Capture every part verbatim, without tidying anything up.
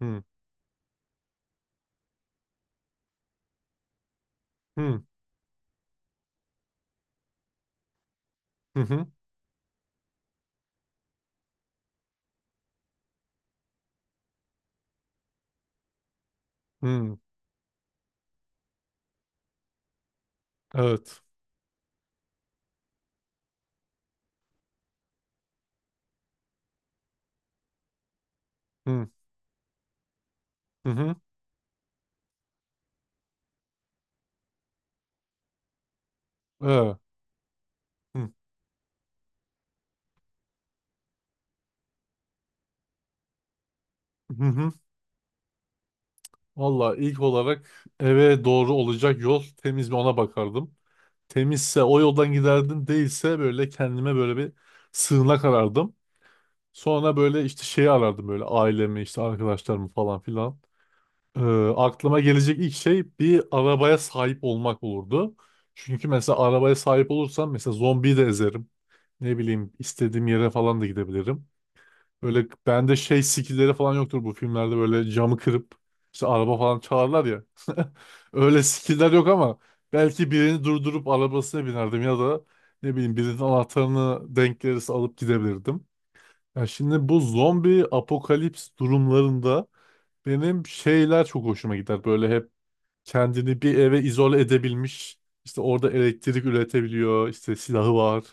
Hı hı, hı hı. Hı. Evet. Hı hı hı. Evet. Hı hı hı. Valla ilk olarak eve doğru olacak yol temiz mi ona bakardım. Temizse o yoldan giderdim, değilse böyle kendime böyle bir sığınak arardım. Sonra böyle işte şeyi arardım, böyle ailemi işte arkadaşlarımı falan filan. Ee, Aklıma gelecek ilk şey bir arabaya sahip olmak olurdu. Çünkü mesela arabaya sahip olursam mesela zombiyi de ezerim. Ne bileyim, istediğim yere falan da gidebilirim. Böyle bende şey skillleri falan yoktur, bu filmlerde böyle camı kırıp işte araba falan çalarlar ya. Öyle skiller yok ama belki birini durdurup arabasına binerdim ya da ne bileyim birinin anahtarını denk gelirse alıp gidebilirdim. Ya şimdi bu zombi apokalips durumlarında benim şeyler çok hoşuma gider. Böyle hep kendini bir eve izole edebilmiş, işte orada elektrik üretebiliyor, işte silahı var.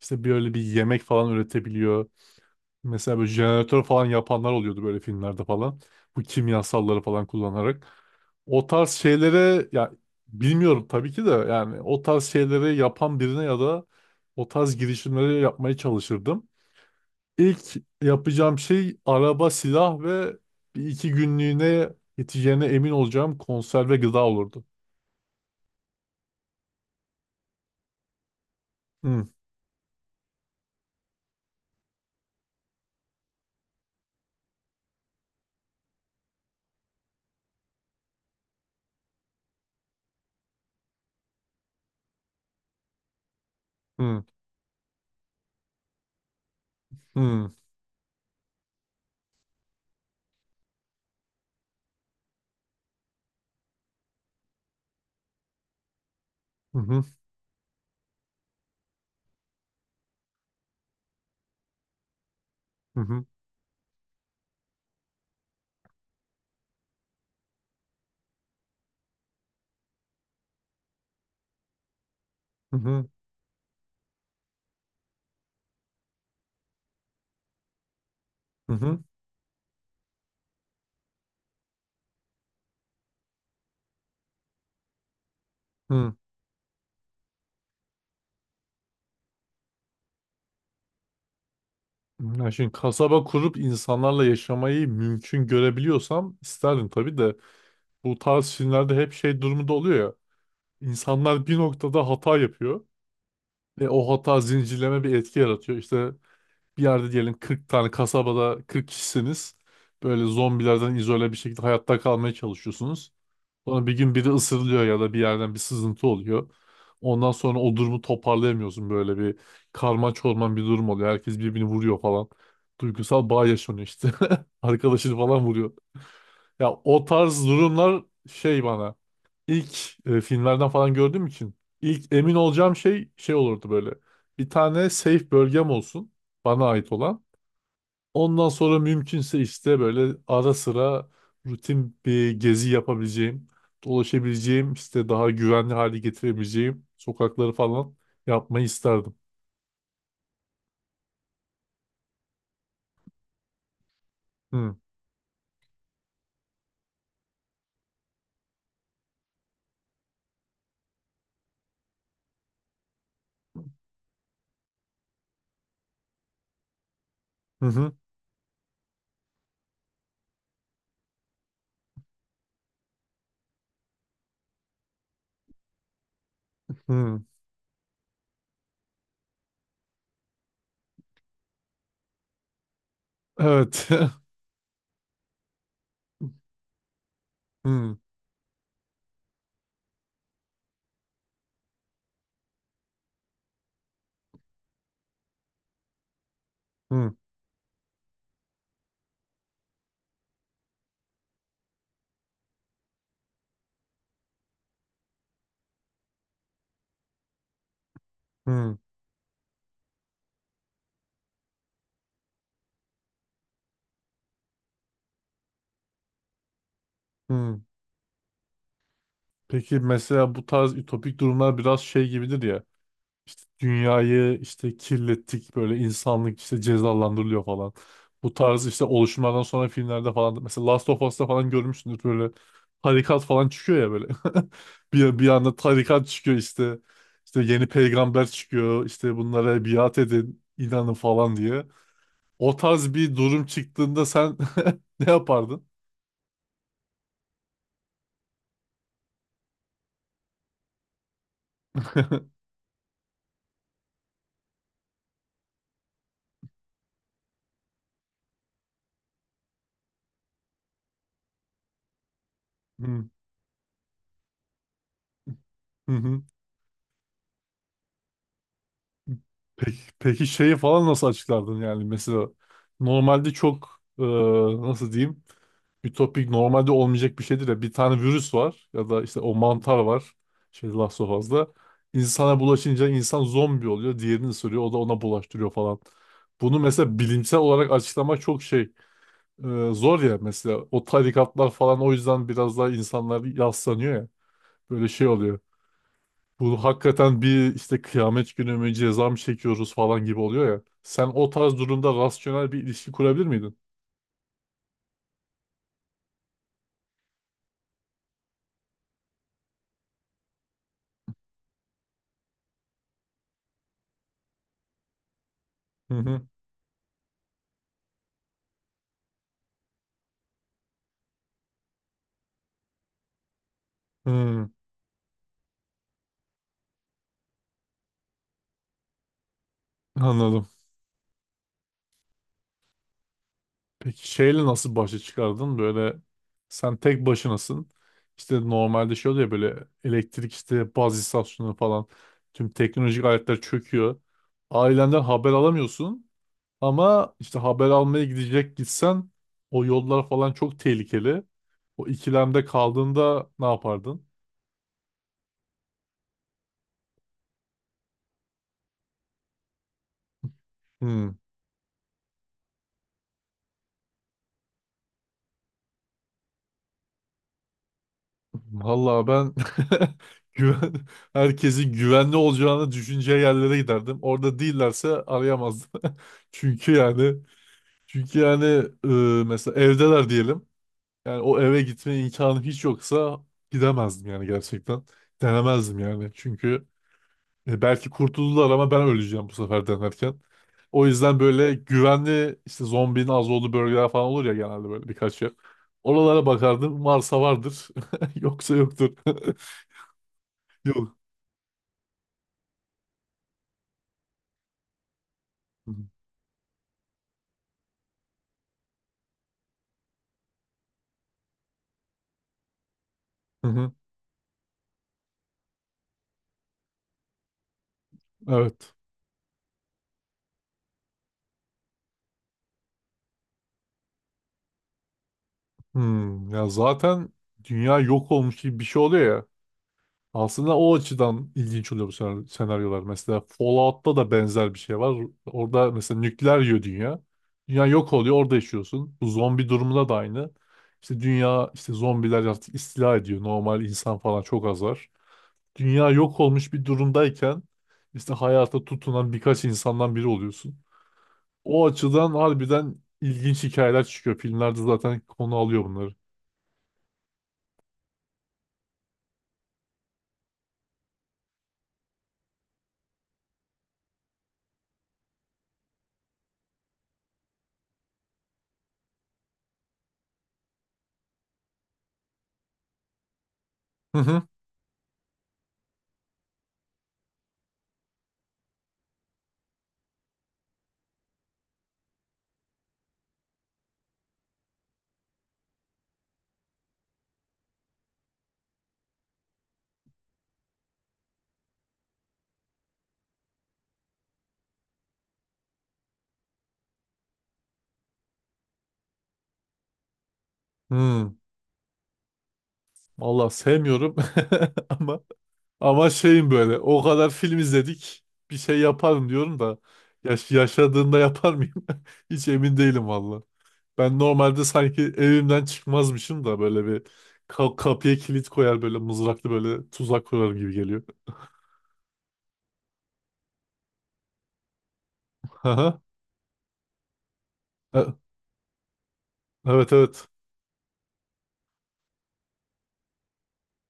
İşte böyle bir yemek falan üretebiliyor. Mesela böyle jeneratör falan yapanlar oluyordu böyle filmlerde falan. Bu kimyasalları falan kullanarak. O tarz şeylere ya, bilmiyorum tabii ki de, yani o tarz şeyleri yapan birine ya da o tarz girişimleri yapmaya çalışırdım. İlk yapacağım şey araba, silah ve bir iki günlüğüne yeteceğine emin olacağım konserve gıda olurdu. Hı hı hı, hı hı, hı hı, hı hı. Hı. Ya şimdi kasaba kurup insanlarla yaşamayı mümkün görebiliyorsam isterdim tabii de bu tarz filmlerde hep şey durumunda oluyor ya. İnsanlar bir noktada hata yapıyor ve o hata zincirleme bir etki yaratıyor. İşte bir yerde diyelim kırk tane kasabada kırk kişisiniz. Böyle zombilerden izole bir şekilde hayatta kalmaya çalışıyorsunuz. Sonra bir gün biri ısırılıyor ya da bir yerden bir sızıntı oluyor. Ondan sonra o durumu toparlayamıyorsun, böyle bir karma çorman bir durum oluyor. Herkes birbirini vuruyor falan. Duygusal bağ yaşanıyor işte. Arkadaşını falan vuruyor. Ya o tarz durumlar şey bana ilk e, filmlerden falan gördüğüm için ilk emin olacağım şey şey olurdu böyle. Bir tane safe bölgem olsun, bana ait olan. Ondan sonra mümkünse işte böyle ara sıra rutin bir gezi yapabileceğim, dolaşabileceğim, işte daha güvenli hale getirebileceğim sokakları falan yapmayı isterdim. Hı hı, hı. Hı. Evet. Hı hı, hı hı. Peki mesela bu tarz ütopik durumlar biraz şey gibidir ya. İşte dünyayı işte kirlettik, böyle insanlık işte cezalandırılıyor falan. Bu tarz işte oluşumlardan sonra filmlerde falan, mesela Last of Us'ta falan görmüşsündür, böyle tarikat falan çıkıyor ya böyle. Bir, bir anda tarikat çıkıyor işte. İşte yeni peygamber çıkıyor işte, bunlara biat edin inanın falan diye. O tarz bir durum çıktığında sen ne yapardın? Hı hı. Hı. Peki, peki şeyi falan nasıl açıklardın, yani mesela normalde çok e, nasıl diyeyim, ütopik, normalde olmayacak bir şeydir ya. Bir tane virüs var ya da işte o mantar var. Şey Last of Us'da. İnsana bulaşınca insan zombi oluyor. Diğerini ısırıyor. O da ona bulaştırıyor falan. Bunu mesela bilimsel olarak açıklamak çok şey, e, zor ya. Mesela o tarikatlar falan o yüzden biraz daha insanlar yaslanıyor ya. Böyle şey oluyor. Bu hakikaten bir işte kıyamet günü mü, ceza mı çekiyoruz falan gibi oluyor ya. Sen o tarz durumda rasyonel bir ilişki kurabilir miydin? Hı hı. Hı, anladım. Peki şeyle nasıl başa çıkardın? Böyle sen tek başınasın. İşte normalde şey oluyor ya, böyle elektrik, işte baz istasyonu falan, tüm teknolojik aletler çöküyor. Ailenden haber alamıyorsun ama işte haber almaya gidecek, gitsen o yollar falan çok tehlikeli. O ikilemde kaldığında ne yapardın? Hmm. Vallahi ben güven, herkesin güvenli olacağını düşüneceği yerlere giderdim. Orada değillerse arayamazdım. Çünkü yani Çünkü yani e, mesela evdeler diyelim. Yani o eve gitme imkanım hiç yoksa gidemezdim yani, gerçekten. Denemezdim yani. Çünkü e, belki kurtuldular ama ben öleceğim bu sefer denerken. O yüzden böyle güvenli, işte zombinin az olduğu bölgeler falan olur ya genelde, böyle birkaç yer. Oralara bakardım. Varsa vardır. Yoksa yoktur. Yok. Hı hı. Evet. Hmm. Ya zaten dünya yok olmuş gibi bir şey oluyor ya. Aslında o açıdan ilginç oluyor bu sen- senaryolar. Mesela Fallout'ta da benzer bir şey var. Orada mesela nükleer yiyor dünya. Dünya yok oluyor, orada yaşıyorsun. Bu zombi durumunda da aynı. İşte dünya, işte zombiler artık istila ediyor. Normal insan falan çok az var. Dünya yok olmuş bir durumdayken işte hayata tutunan birkaç insandan biri oluyorsun. O açıdan harbiden ilginç hikayeler çıkıyor. Filmlerde zaten konu alıyor bunları. Hı hı. Hı. Vallahi sevmiyorum ama ama şeyim, böyle o kadar film izledik bir şey yaparım diyorum da yaş yaşadığında yapar mıyım? Hiç emin değilim valla. Ben normalde sanki evimden çıkmazmışım da böyle bir ka- kapıya kilit koyar, böyle mızraklı böyle tuzak kurarım gibi geliyor. Aha. E- Evet evet.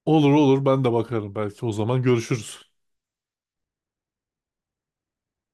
Olur olur, ben de bakarım, belki o zaman görüşürüz.